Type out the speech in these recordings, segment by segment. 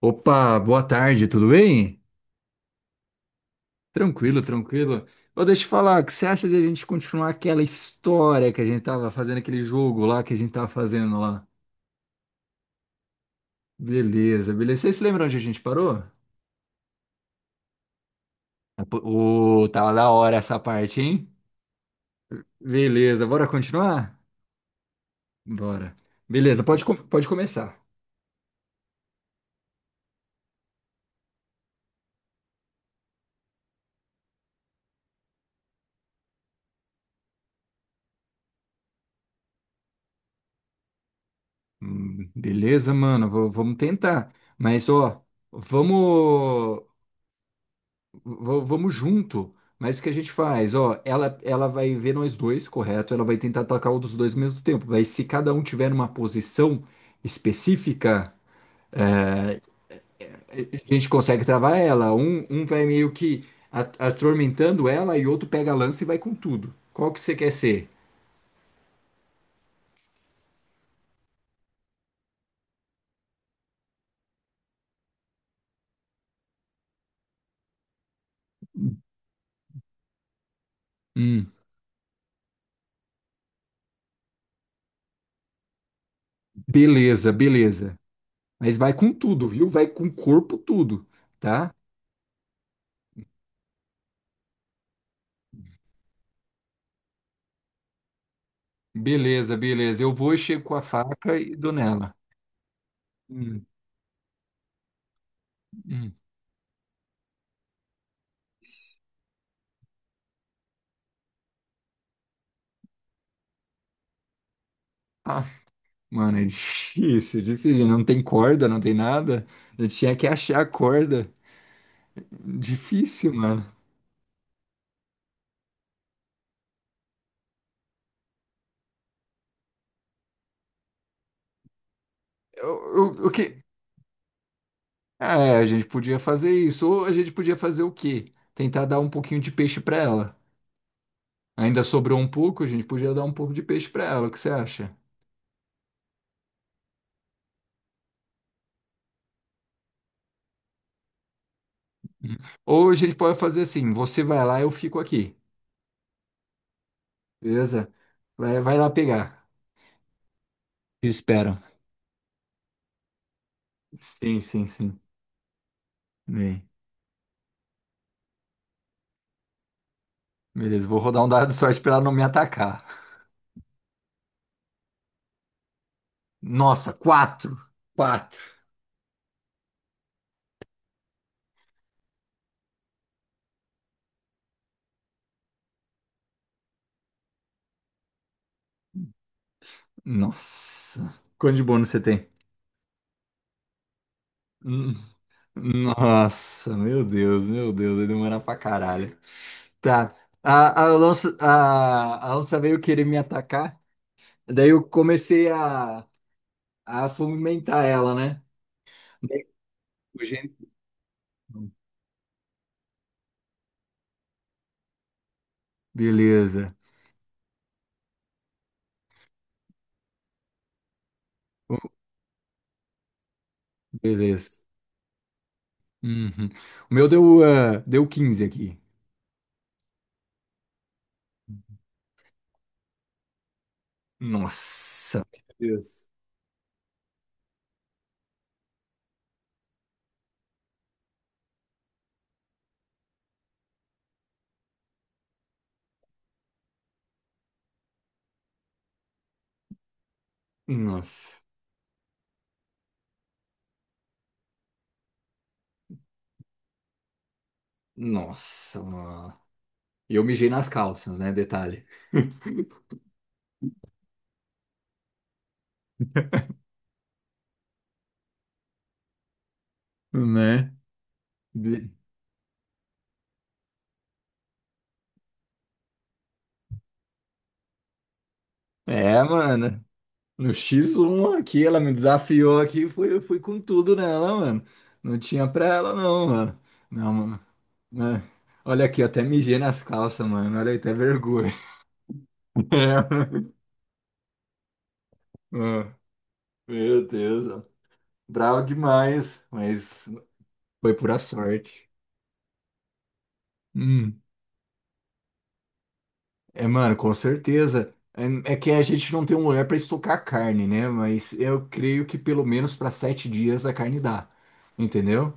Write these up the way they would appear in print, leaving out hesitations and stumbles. Opa, boa tarde, tudo bem? Tranquilo, tranquilo. Ô, deixa eu falar, o que você acha de a gente continuar aquela história que a gente tava fazendo, aquele jogo lá que a gente tava fazendo lá? Beleza, beleza. Vocês se lembram onde a gente parou? Ah, pô. Ô, tava da hora essa parte, hein? Beleza, bora continuar? Bora. Beleza, pode começar. Beleza, mano, vamos tentar. Mas, ó, vamos. Vamos junto. Mas o que a gente faz? Ó, ela vai ver nós dois, correto? Ela vai tentar atacar um dos dois ao mesmo tempo. Mas se cada um tiver numa posição específica, a gente consegue travar ela. Um vai meio que a- atormentando ela e outro pega a lança e vai com tudo. Qual que você quer ser? Hum, beleza, beleza. Mas vai com tudo, viu? Vai com o corpo tudo, tá? Beleza, beleza. Eu vou e chego com a faca e dou nela. Hum, hum. Ah, mano, é difícil, difícil. Não tem corda, não tem nada. Eu tinha que achar a corda. Difícil, mano. O que? É, a gente podia fazer isso. Ou a gente podia fazer o quê? Tentar dar um pouquinho de peixe pra ela. Ainda sobrou um pouco, a gente podia dar um pouco de peixe pra ela. O que você acha? Hum. Ou a gente pode fazer assim: você vai lá, eu fico aqui. Beleza? Vai lá pegar. Te espero. Sim, sim, sim. Bem, beleza, vou rodar um dado de sorte pra ela não me atacar. Nossa, quatro. Quatro. Nossa. Quanto de bônus você tem? Hum. Nossa, meu Deus, vai demorar pra caralho. Tá. A onça veio querer me atacar. Daí eu comecei a fomentar ela, né? Daí o gen- Beleza. O- Beleza. Uhum. O meu deu 15 aqui. Nossa, meu Deus. Nossa. Nossa, nossa. E eu mijei nas calças, né? Detalhe. Né? De- É, mano. No X1 aqui, ela me desafiou aqui, eu fui com tudo nela, mano. Não tinha pra ela, não, mano. Não, mano. Né? Olha aqui, eu até mijei nas calças, mano. Olha aí, até vergonha. Ah, meu Deus, ó. Bravo demais, mas foi pura sorte. Hum. É, mano, com certeza. É que a gente não tem um lugar para estocar carne, né? Mas eu creio que pelo menos para 7 dias a carne dá, entendeu?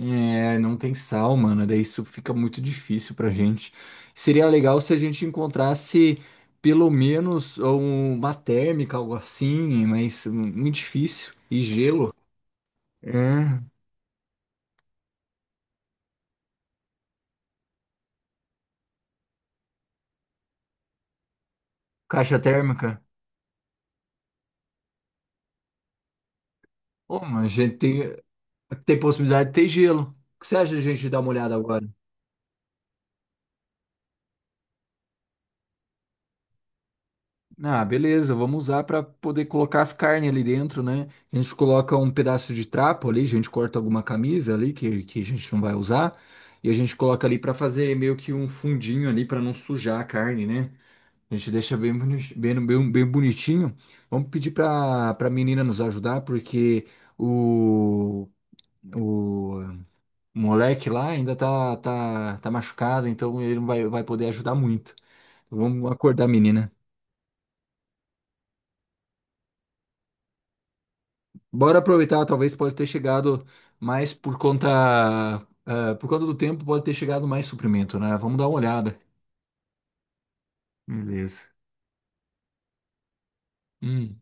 É, não tem sal, mano. Daí isso fica muito difícil pra gente. Seria legal se a gente encontrasse pelo menos uma térmica, algo assim, mas muito difícil. E gelo. É, caixa térmica. Ô, mas a gente tem possibilidade de ter gelo. O que você acha de a gente dar uma olhada agora? Ah, beleza, vamos usar para poder colocar as carnes ali dentro, né? A gente coloca um pedaço de trapo ali, a gente corta alguma camisa ali que a gente não vai usar, e a gente coloca ali para fazer meio que um fundinho ali para não sujar a carne, né? A gente deixa bem bonitinho. Vamos pedir para menina nos ajudar, porque o, o moleque lá ainda tá machucado, então ele não vai poder ajudar muito. Vamos acordar a menina. Bora aproveitar, talvez pode ter chegado mais por conta do tempo, pode ter chegado mais suprimento, né? Vamos dar uma olhada. Beleza. Hum,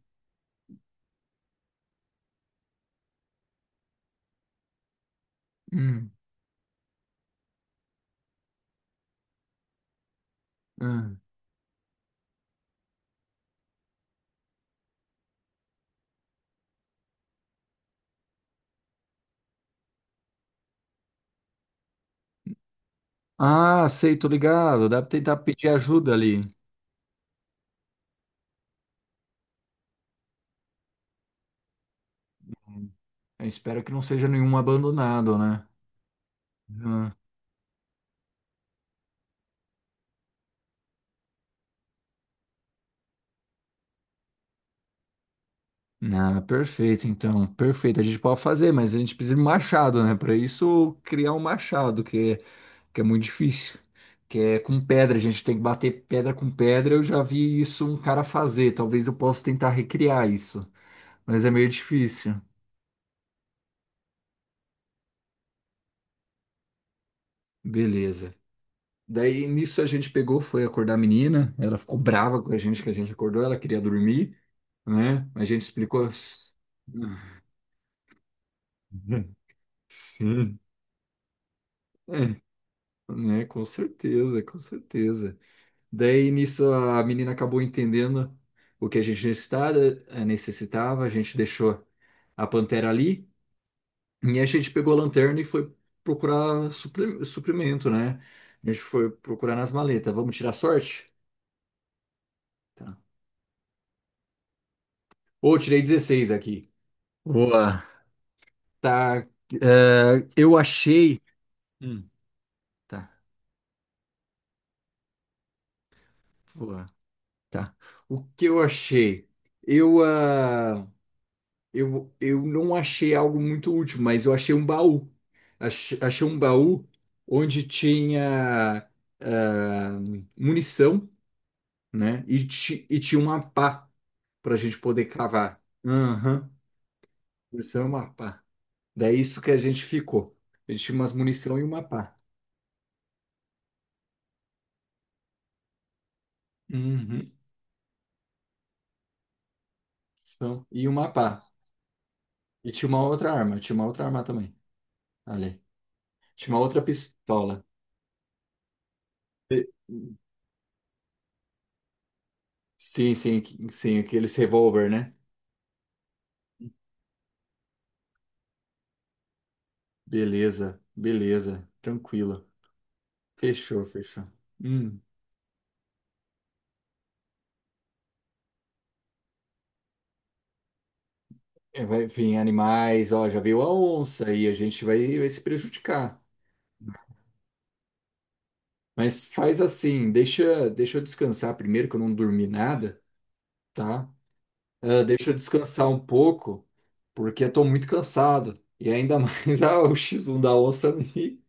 hum, hum. Ah, sei, tô ligado. Dá pra tentar pedir ajuda ali. Eu espero que não seja nenhum abandonado, né? Hum. Ah, perfeito, então. Perfeito. A gente pode fazer, mas a gente precisa de um machado, né? Para isso, criar um machado, que é muito difícil, que é com pedra, a gente tem que bater pedra com pedra. Eu já vi isso um cara fazer, talvez eu possa tentar recriar isso, mas é meio difícil. Beleza. Daí nisso a gente pegou, foi acordar a menina, ela ficou brava com a gente que a gente acordou, ela queria dormir, né? A gente explicou. Sim. É, né? Com certeza, com certeza. Daí nisso a menina acabou entendendo o que a gente necessitava, a gente deixou a pantera ali e a gente pegou a lanterna e foi procurar suprimento, né? A gente foi procurar nas maletas. Vamos tirar sorte? Tá. Ô, tirei 16 aqui. Boa. Tá. Eu achei. Hum, tá. Boa. Tá. O que eu achei? Eu. ah, eu não achei algo muito útil, mas eu achei um baú. Achei um baú onde tinha ah, munição, né? E tinha uma pá para a gente poder cavar. Aham. Munição e uma pá. Daí isso que a gente ficou. A gente tinha umas munição e uma pá. Uhum. Então, e uma pá. E tinha uma outra arma. Tinha uma outra arma também. Ali. Tinha uma outra pistola. E- Sim, sim, sim, aqueles revólver, né? Beleza, beleza, tranquilo. Fechou, fechou. Hum. É, vai vir animais, ó, já veio a onça e a gente vai se prejudicar. Mas faz assim, deixa eu descansar primeiro, que eu não dormi nada, tá? Ah, deixa eu descansar um pouco, porque eu tô muito cansado. E ainda mais o X1 da onça me,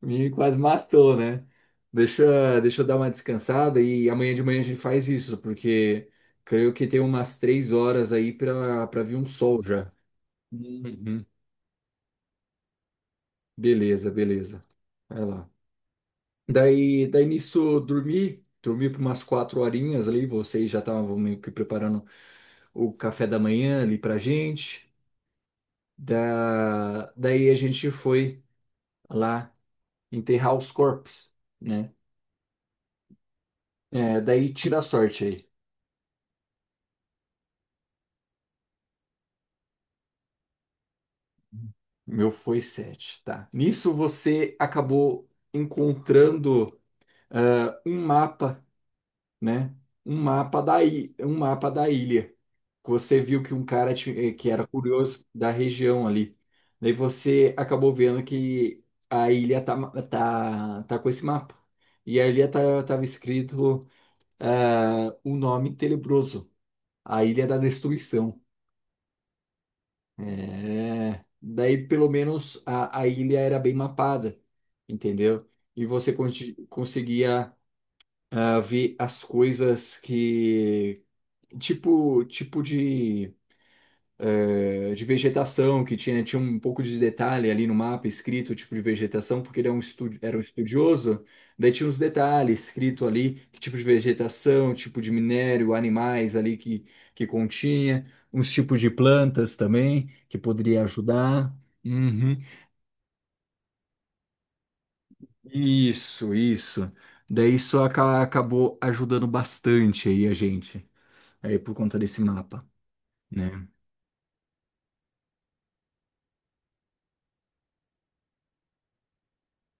Me quase matou, né? Deixa eu dar uma descansada e amanhã de manhã a gente faz isso, porque creio que tem umas 3 horas aí para vir um sol já. Uhum. Beleza, beleza. Vai lá. Daí nisso, dormi por umas 4 horinhas ali, vocês já estavam meio que preparando o café da manhã ali pra gente. Daí a gente foi lá enterrar os corpos, né? É, daí tira a sorte aí. Meu foi sete, tá. Nisso você acabou encontrando um mapa, né? Um mapa da ilha. Você viu que um cara que era curioso da região ali. Daí você acabou vendo que a ilha tá com esse mapa. E a ilha tava escrito o nome tenebroso, a Ilha da Destruição. É, daí pelo menos a ilha era bem mapada, entendeu? E você conseguia ver as coisas que tipo de vegetação, que tinha, né, tinha um pouco de detalhe ali no mapa escrito, tipo de vegetação, porque ele era um estudioso, daí tinha uns detalhes escrito ali, que tipo de vegetação, tipo de minério, animais ali que continha, uns tipos de plantas também, que poderia ajudar. Uhum. Isso, isso. Daí isso acabou ajudando bastante aí a gente, aí por conta desse mapa, né?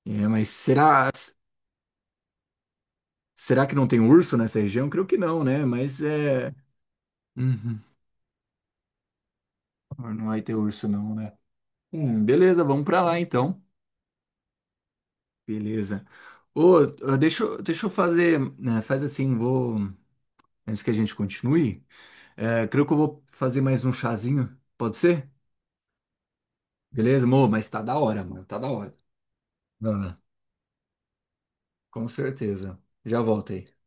É, mas será? Será que não tem urso nessa região? Creio que não, né? Mas é. Uhum. Não vai ter urso, não, né? Beleza, vamos pra lá então. Beleza. Ô, deixa eu fazer. Né, faz assim, vou. Antes que a gente continue, creio que eu vou fazer mais um chazinho. Pode ser? Beleza, amor? Mas tá da hora, mano. Tá da hora. Ah, com certeza. Já volto aí.